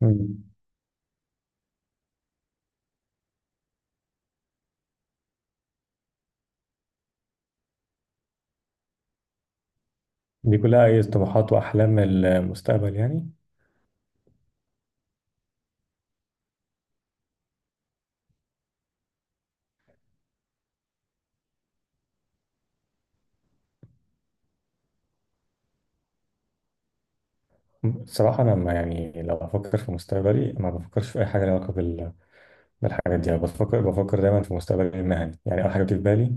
مم. دي كلها أي طموحات وأحلام المستقبل يعني. الصراحة أنا، ما يعني، لو بفكر في مستقبلي ما بفكرش في أي حاجة لها علاقة بالحاجات دي. أنا بفكر دايما في مستقبلي المهني، يعني أول حاجة بتيجي في بالي.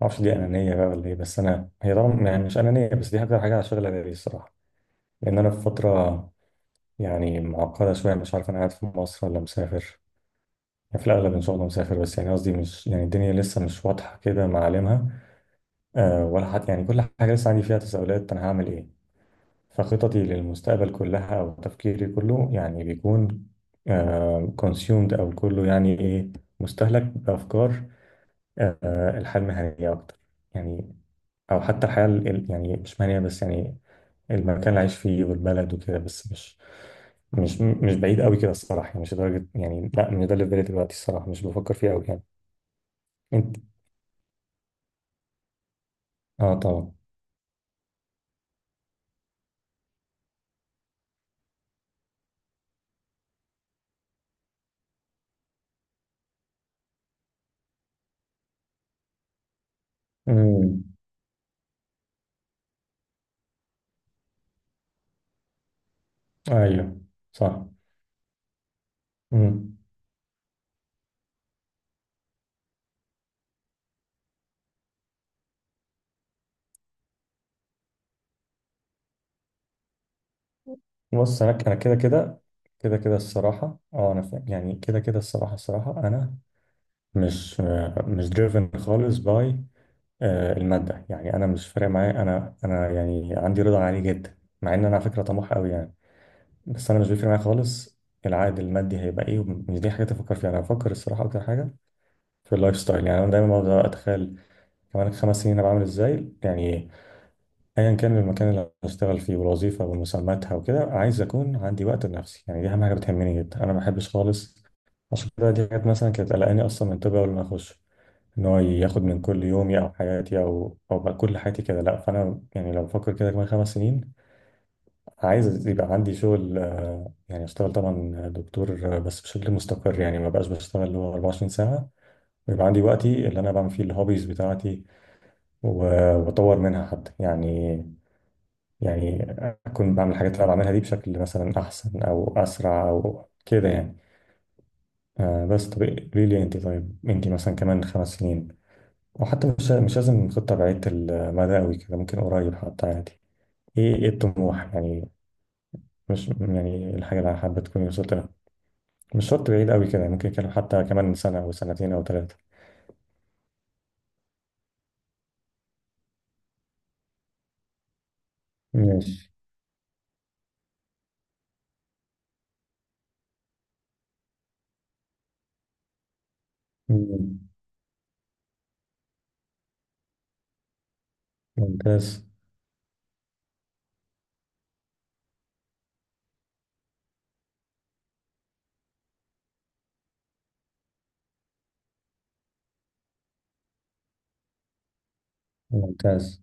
معرفش دي أنانية بقى ولا إيه، بس أنا، هي طبعا يعني مش أنانية، بس دي أكتر حاجة شغلة بالي الصراحة. لأن أنا في فترة يعني معقدة شوية، مش عارف أنا قاعد في مصر ولا مسافر. يعني في الأغلب إن شاء الله مسافر، بس يعني قصدي، مش يعني، الدنيا لسه مش واضحة كده معالمها. أه، ولا حتى يعني كل حاجة لسه عندي فيها تساؤلات، أنا هعمل إيه. فخططي للمستقبل كلها، أو تفكيري كله، يعني بيكون كونسيومد، أو كله يعني إيه، مستهلك بأفكار. الحياة المهنية أكتر يعني، أو حتى الحياة يعني مش مهنية، بس يعني المكان اللي عايش فيه والبلد وكده. بس مش بعيد قوي كده الصراحة، يعني مش لدرجة، يعني لا، مش ده اللي في بالي دلوقتي، الصراحة مش بفكر فيه قوي يعني. أنت. آه طبعا. أمم، أيوه صح. أمم. بص، انا كده كده الصراحه. اه انا فاهم، يعني كده كده الصراحه انا مش مش دريفن خالص باي الماده. يعني انا مش فارق معايا، انا يعني عندي رضا عالي جدا، مع ان انا على فكره طموح قوي يعني. بس انا مش بيفرق معايا خالص العائد المادي هيبقى ايه، ومش دي حاجه تفكر فيها. انا بفكر الصراحه اكتر حاجه في اللايف ستايل. يعني انا دايما بقعد اتخيل كمان 5 سنين انا بعمل ازاي يعني. ايا كان المكان اللي هشتغل فيه والوظيفه ومسماتها وكده، عايز اكون عندي وقت لنفسي. يعني دي اهم حاجه بتهمني جدا. انا ما بحبش خالص، عشان كده دي حاجات مثلا كانت قلقاني اصلا من، طب اول ما اخش، ان هو ياخد من كل يومي او حياتي او بقى كل حياتي كده. لا، فانا يعني لو بفكر كده كمان 5 سنين، عايز يبقى عندي شغل، يعني اشتغل طبعا دكتور، بس بشكل مستقر. يعني ما بقاش بشتغل اللي هو 24 ساعه، ويبقى عندي وقتي اللي انا بعمل فيه الهوبيز بتاعتي، واطور منها حتى يعني. يعني أكون بعمل الحاجات اللي أنا بعملها دي بشكل مثلا أحسن أو أسرع أو كده يعني. آه بس طب قولي لي أنت، طيب أنت مثلا كمان 5 سنين، وحتى مش لازم خطة بعيدة المدى أوي كده، ممكن قريب حتى عادي. إيه الطموح يعني، مش يعني الحاجة اللي حابة تكوني وصلت لها، مش شرط بعيد أوي كده، ممكن كان حتى كمان سنة أو سنتين أو ثلاثة. ماشي. مم. ممتاز. ممتاز.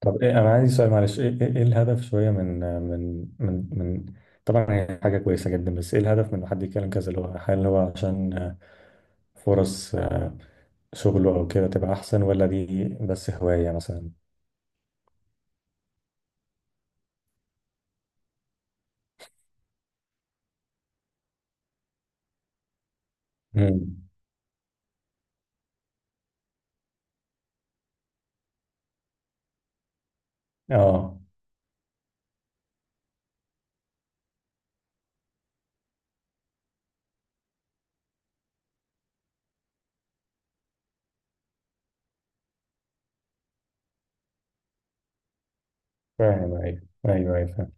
طب إيه، انا عندي سؤال معلش، ايه ايه إيه الهدف شويه من طبعا هي حاجه كويسه جدا، بس ايه الهدف من إن حد يتكلم كذا، اللي هو هل هو عشان فرص شغله او كده تبقى احسن، ولا دي بس هوايه مثلا. امم. اه فاهم، ايوه فاهم.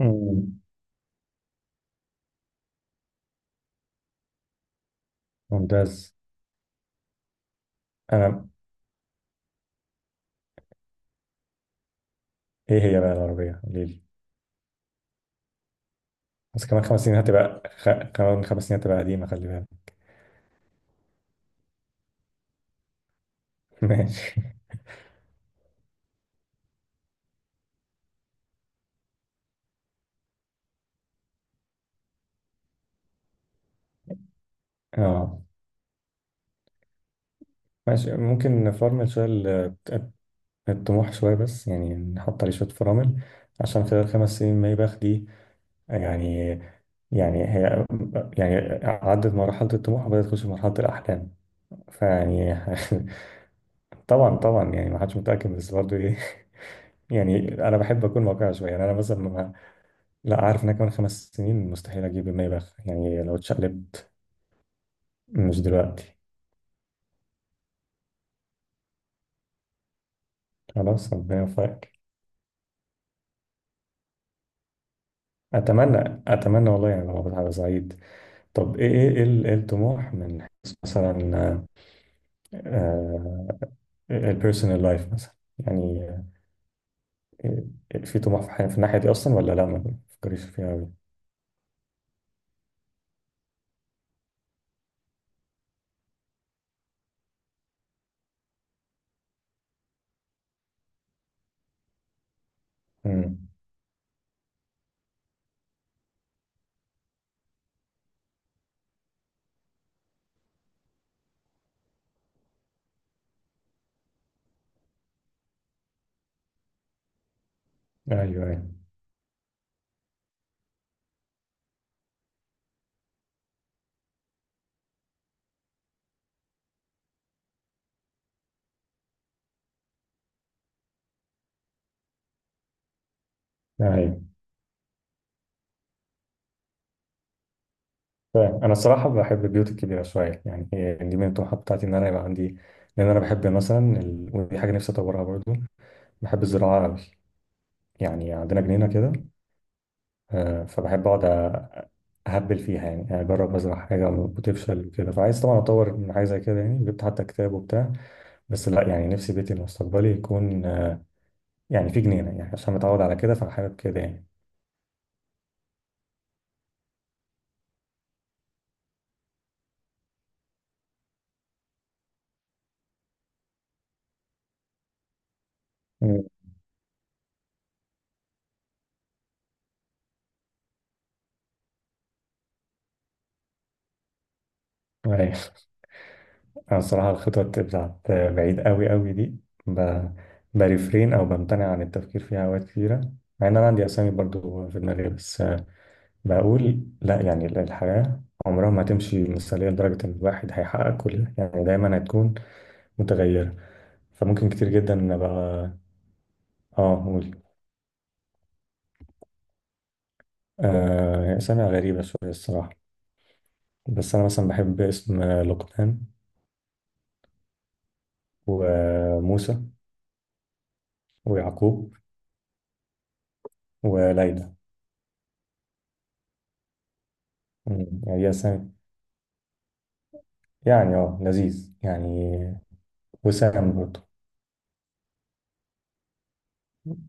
أمم، ممتاز. انا. ايه هي بقى العربيه قولي لي. بس كمان 5 سنين هتبقى كمان 5 سنين هتبقى قديمه، خلي بالك. ماشي. اه. ماشي، ممكن نفرمل شويه الطموح شوية، بس يعني نحط عليه شوية فرامل، عشان خلال 5 سنين ما يبقى دي، يعني، يعني هي، يعني عدت مرحلة الطموح وبدأت تخش في مرحلة الأحلام، فيعني. طبعا طبعا يعني ما حدش متأكد، بس برضه إيه. يعني أنا بحب أكون واقعي شوية، يعني أنا مثلا ما، لا، عارف إن أنا كمان خمس سنين مستحيل أجيب المايباخ يعني، لو اتشقلبت مش دلوقتي. خلاص ربنا يوفقك. أتمنى أتمنى والله، يعني لو ببقى سعيد. طب إيه الطموح من حيث مثلا، آه، البيرسونال لايف مثلا يعني. في طموح في في الناحية دي أصلا، ولا لا ما بتفكريش فيها أوي. أمم، أيوه أيوه. أيوه فاهم. أنا الصراحة بحب البيوت الكبيرة شوية، يعني هي دي من الطموحات بتاعتي إن أنا يبقى عندي. لأن أنا بحب مثلا ودي حاجة نفسي أطورها برضو، بحب الزراعة أوي يعني. عندنا جنينة كده، فبحب أقعد أهبل فيها يعني، أجرب أزرع حاجة وتفشل وكده، فعايز طبعا أطور من حاجة زي كده يعني، جبت حتى كتاب وبتاع. بس لا، يعني نفسي بيتي المستقبلي يكون، يعني في جنينة، يعني عشان متعود على كده، فحابب كده يعني. مم. أيوة. أنا الصراحة الخطط بتاعت بعيد أوي أوي دي ب... بريفرين أو بمتنع عن التفكير فيها أوقات كتيرة، مع إن أنا عندي أسامي برضو في دماغي. بس بقول لا، يعني الحياة عمرها ما هتمشي مثالية لدرجة إن الواحد هيحقق كل، يعني دايما هتكون متغيرة، فممكن كتير جدا إن أبقى أقول. هي أسامي غريبة شوية الصراحة، بس أنا مثلا بحب اسم لقمان وموسى ويعقوب وليلى. مم. ياسمين، يعني اه لذيذ يعني، وسام برضه.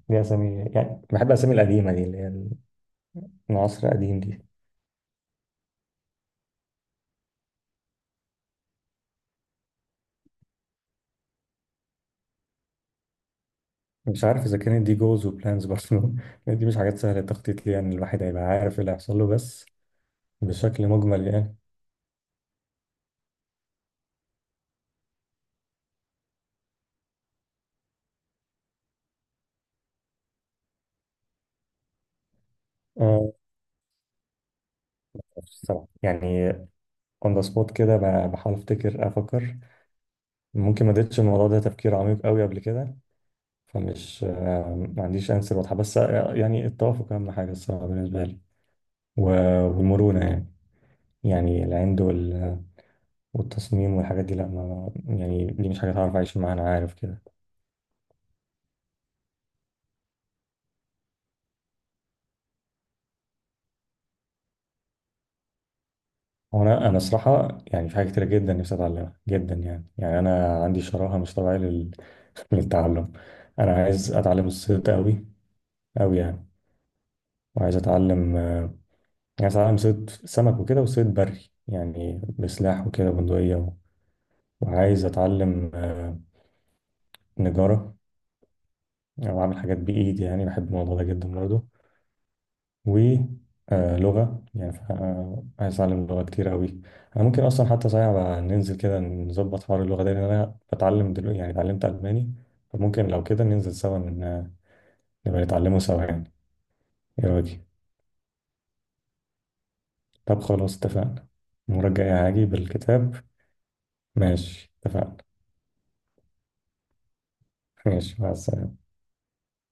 دي أسامي يعني، بحب الأسامي القديمة دي اللي هي من عصر قديم دي. مش عارف إذا كانت دي جولز وبلانز برضه، دي مش حاجات سهلة التخطيط ليها، يعني الواحد هيبقى عارف إيه اللي هيحصل له، بس بشكل مجمل يعني. آه، الصراحة يعني اون ذا سبوت كده، بحاول أفتكر أفكر، ممكن ما اديتش الموضوع ده تفكير عميق قوي قبل كده، فمش ما عنديش أنسر واضحة، بس يعني التوافق أهم حاجة الصراحة بالنسبة لي، والمرونة يعني. يعني العند والتصميم والحاجات دي لا، ما يعني دي مش حاجة هعرف أعيش معاها، أنا عارف كده. وأنا صراحة يعني في حاجات كتيرة جدا نفسي أتعلمها جدا، يعني أنا عندي شراهة مش طبيعية للتعلم. أنا عايز أتعلم الصيد أوي أوي يعني، وعايز أتعلم، عايز أتعلم صيد سمك وكده وصيد بري، يعني بسلاح وكده بندقية وعايز أتعلم نجارة، أو أعمل حاجات بإيدي، يعني بحب الموضوع ده جدا برضه. ولغة يعني عايز أتعلم لغة كتير أوي. أنا ممكن أصلا حتى صحيح بقى، ننزل كده نظبط حوار اللغة ده، لأن أنا بتعلم دلوقتي يعني اتعلمت ألماني. فممكن لو كده ننزل سوا نبقى نتعلمه سوا يعني. إيه رأيك؟ طب خلاص اتفقنا، المرة الجاية هاجي بالكتاب. ماشي اتفقنا. ماشي مع السلامة.